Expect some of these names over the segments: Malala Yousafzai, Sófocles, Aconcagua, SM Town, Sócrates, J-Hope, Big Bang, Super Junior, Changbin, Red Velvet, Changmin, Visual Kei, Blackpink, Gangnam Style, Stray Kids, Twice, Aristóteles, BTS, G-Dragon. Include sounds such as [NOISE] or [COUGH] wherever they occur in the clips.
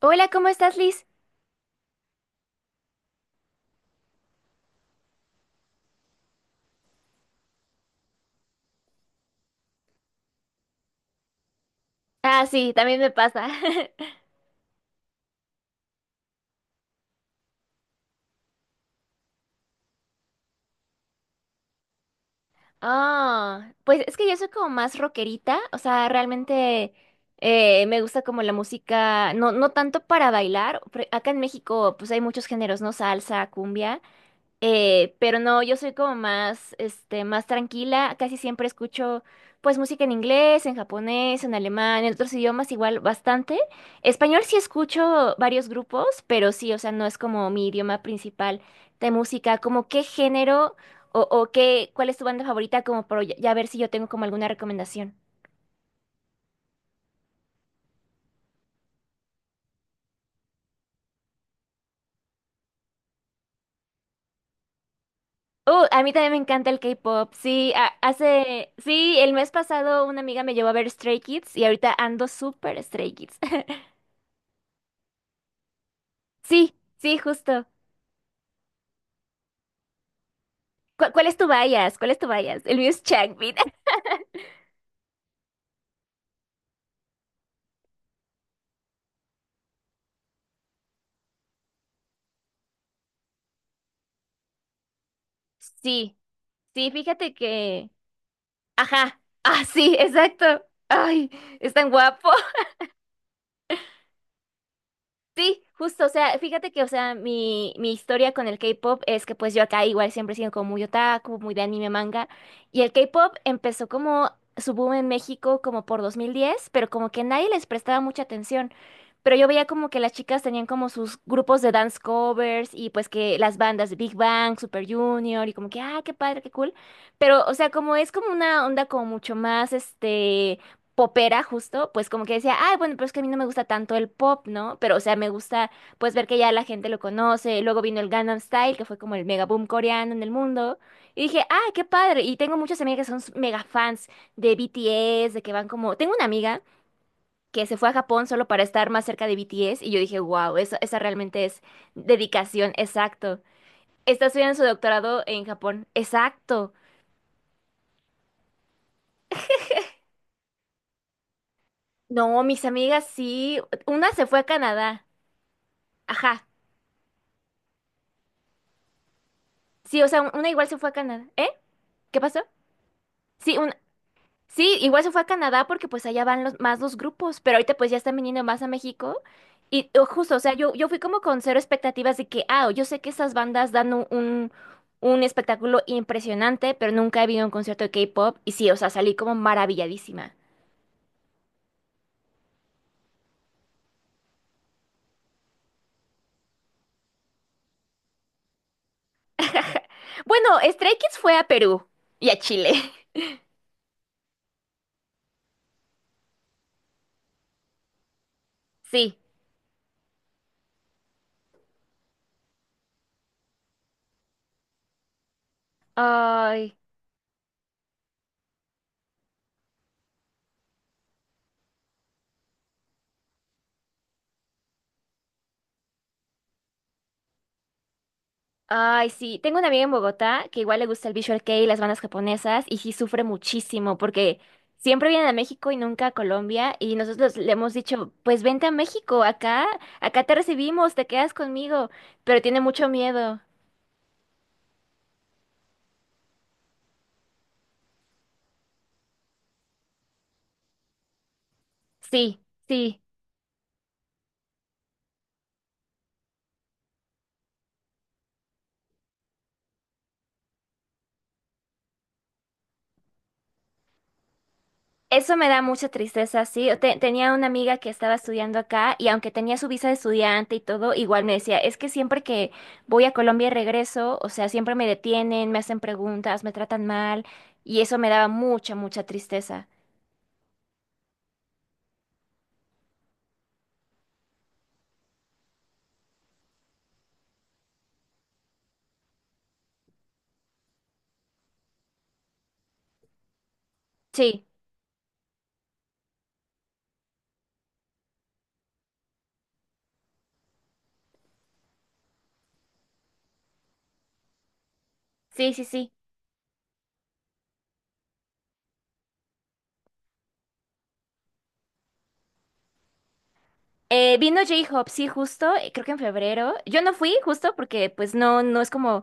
Hola, ¿cómo estás, Liz? Ah, sí, también me pasa. [LAUGHS] Ah, pues es que yo soy como más rockerita, o sea, realmente me gusta como la música, no tanto para bailar. Acá en México, pues hay muchos géneros, ¿no? Salsa, cumbia. Pero no, yo soy como más, este, más tranquila. Casi siempre escucho, pues, música en inglés, en japonés, en alemán, en otros idiomas igual bastante. Español sí escucho varios grupos, pero sí, o sea, no es como mi idioma principal de música. ¿Como qué género o qué, cuál es tu banda favorita? Como por ya ver si yo tengo como alguna recomendación. A mí también me encanta el K-pop. Sí, hace, sí, el mes pasado una amiga me llevó a ver Stray Kids y ahorita ando súper Stray Kids. Sí, sí, justo. ¿Cuál es tu bias? ¿Cuál es tu bias? El mío es Changmin. [LAUGHS] Sí, sí, fíjate que... Ajá. Ah, sí, exacto. Ay, es tan guapo. Sí, justo, o sea, fíjate que, o sea, mi historia con el K-pop es que pues yo acá igual siempre he sido como muy otaku, muy de anime, manga, y el K-pop empezó como su boom en México como por 2010, pero como que nadie les prestaba mucha atención, pero yo veía como que las chicas tenían como sus grupos de dance covers y pues que las bandas de Big Bang, Super Junior y como que, ah, qué padre, qué cool, pero, o sea, como es como una onda como mucho más, este popera justo, pues como que decía, ay, bueno, pero es que a mí no me gusta tanto el pop, ¿no? Pero, o sea, me gusta, pues, ver que ya la gente lo conoce. Luego vino el Gangnam Style, que fue como el mega boom coreano en el mundo. Y dije, ah, qué padre. Y tengo muchas amigas que son mega fans de BTS, de que van como... Tengo una amiga que se fue a Japón solo para estar más cerca de BTS y yo dije, wow, esa realmente es dedicación, exacto. Está estudiando su doctorado en Japón, exacto. No, mis amigas sí. Una se fue a Canadá. Ajá. Sí, o sea, una igual se fue a Canadá. ¿Eh? ¿Qué pasó? Sí, sí, igual se fue a Canadá porque pues allá van los, más los grupos, pero ahorita pues ya están viniendo más a México. Y o justo, o sea, yo fui como con cero expectativas de que, ah, yo sé que estas bandas dan un espectáculo impresionante, pero nunca he visto un concierto de K-pop. Y sí, o sea, salí como maravilladísima. Bueno, Stray Kids fue a Perú y a Chile. [LAUGHS] Sí. Ay, ay, sí, tengo una amiga en Bogotá que igual le gusta el Visual Kei y las bandas japonesas y sí sufre muchísimo porque siempre vienen a México y nunca a Colombia y nosotros le hemos dicho, pues vente a México, acá, acá te recibimos, te quedas conmigo, pero tiene mucho miedo. Sí, sí. Eso me da mucha tristeza, sí. Tenía una amiga que estaba estudiando acá y aunque tenía su visa de estudiante y todo, igual me decía, es que siempre que voy a Colombia y regreso, o sea, siempre me detienen, me hacen preguntas, me tratan mal y eso me daba mucha, mucha tristeza. Sí, sí, sí, sí. Vino J-Hope, sí, justo, creo que en febrero. Yo no fui, justo, porque pues no es como,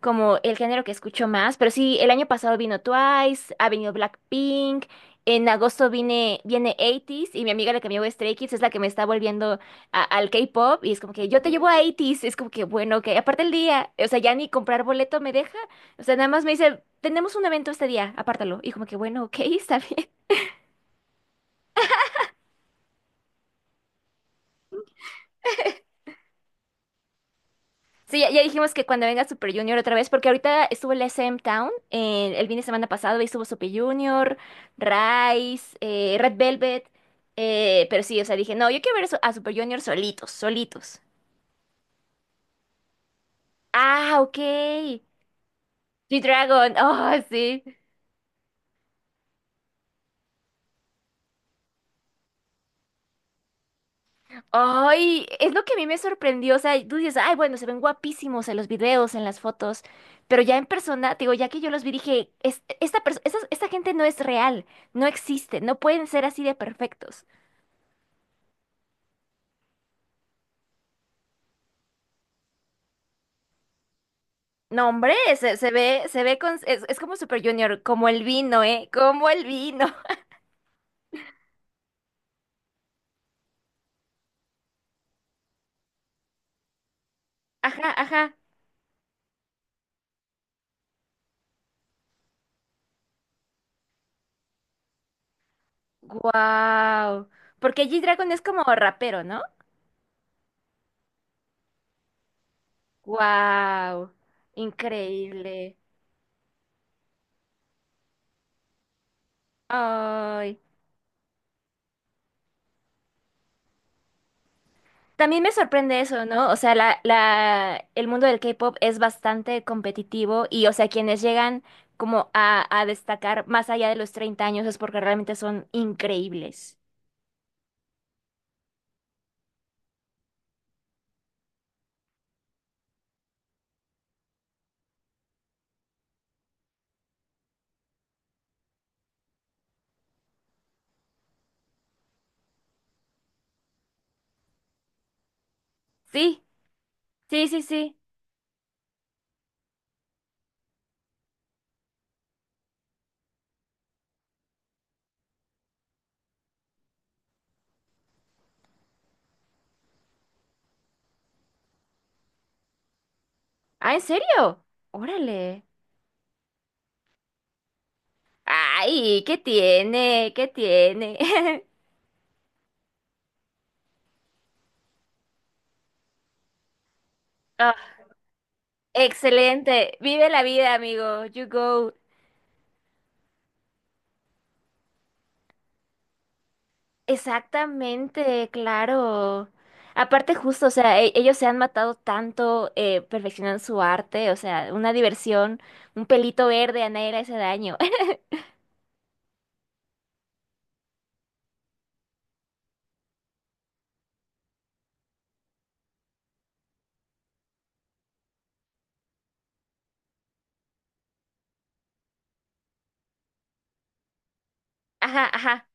como el género que escucho más, pero sí, el año pasado vino Twice, ha venido Blackpink, en agosto viene 80s y mi amiga la que me llevó a Stray Kids es la que me está volviendo al K-pop y es como que yo te llevo a 80s, es como que bueno, que aparte el día, o sea, ya ni comprar boleto me deja, o sea, nada más me dice, tenemos un evento este día, apártalo, y como que bueno, ok, [LAUGHS] está bien. Sí, ya dijimos que cuando venga Super Junior otra vez, porque ahorita estuvo el SM Town el fin de semana pasado y estuvo Super Junior, Rise, Red Velvet, pero sí, o sea, dije, no, yo quiero ver eso a Super Junior solitos, solitos. Ah, ok. G-Dragon, [LAUGHS] oh, sí. Ay, es lo que a mí me sorprendió, o sea, tú dices, ay, bueno, se ven guapísimos en los videos, en las fotos, pero ya en persona, te digo, ya que yo los vi, dije, "Esta gente no es real, no existe, no pueden ser así de perfectos." No, hombre, se ve con, es como Super Junior, como el vino, ¿eh? Como el vino. [LAUGHS] Ajá, ajá. Wow. Porque G-Dragon es como rapero, ¿no? Wow. Increíble. Ay. También me sorprende eso, ¿no? O sea, el mundo del K-pop es bastante competitivo y, o sea, quienes llegan como a destacar más allá de los 30 años es porque realmente son increíbles. Sí, sí, sí, sí. Ah, ¿en serio? Órale. Ay, ¿qué tiene? ¿Qué tiene? [LAUGHS] Ah, excelente. Vive la vida, amigo. You go. Exactamente, claro. Aparte, justo, o sea, ellos se han matado tanto perfeccionando su arte, o sea, una diversión, un pelito verde a nadie le hace daño. [LAUGHS] Ajá, ajá.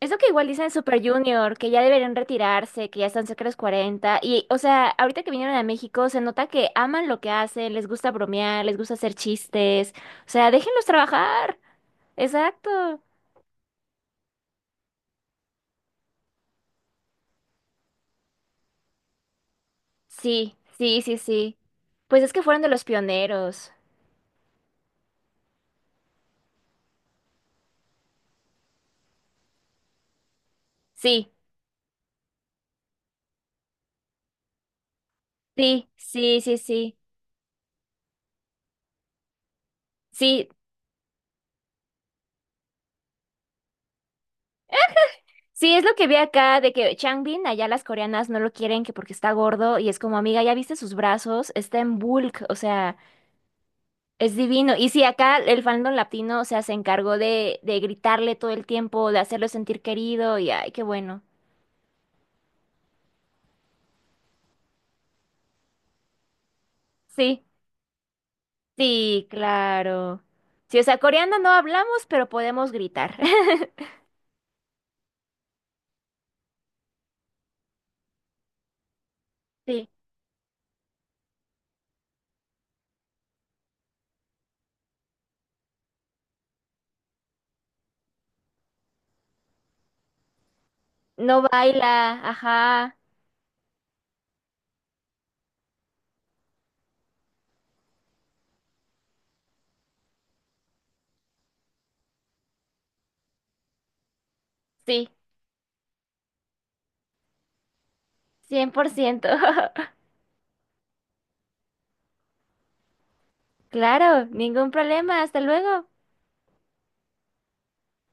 Eso que igual dicen Super Junior, que ya deberían retirarse, que ya están cerca de los 40. Y, o sea, ahorita que vinieron a México, se nota que aman lo que hacen, les gusta bromear, les gusta hacer chistes. O sea, déjenlos trabajar. Exacto. Sí, sí, sí, sí. Pues es que fueron de los pioneros. Sí, sí, sí, sí, sí. Sí, sí, es lo que vi acá de que Changbin, allá las coreanas no lo quieren que porque está gordo y es como, amiga, ya viste sus brazos, está en bulk, o sea. Es divino. Y si acá el fandom latino, o sea, se encargó de gritarle todo el tiempo, de hacerlo sentir querido, y ay, qué bueno. Sí, sí, claro. Sí, o sea, coreano no hablamos, pero podemos gritar. [LAUGHS] Sí, no baila, ajá, sí, 100%. [LAUGHS] Claro, ningún problema, hasta luego.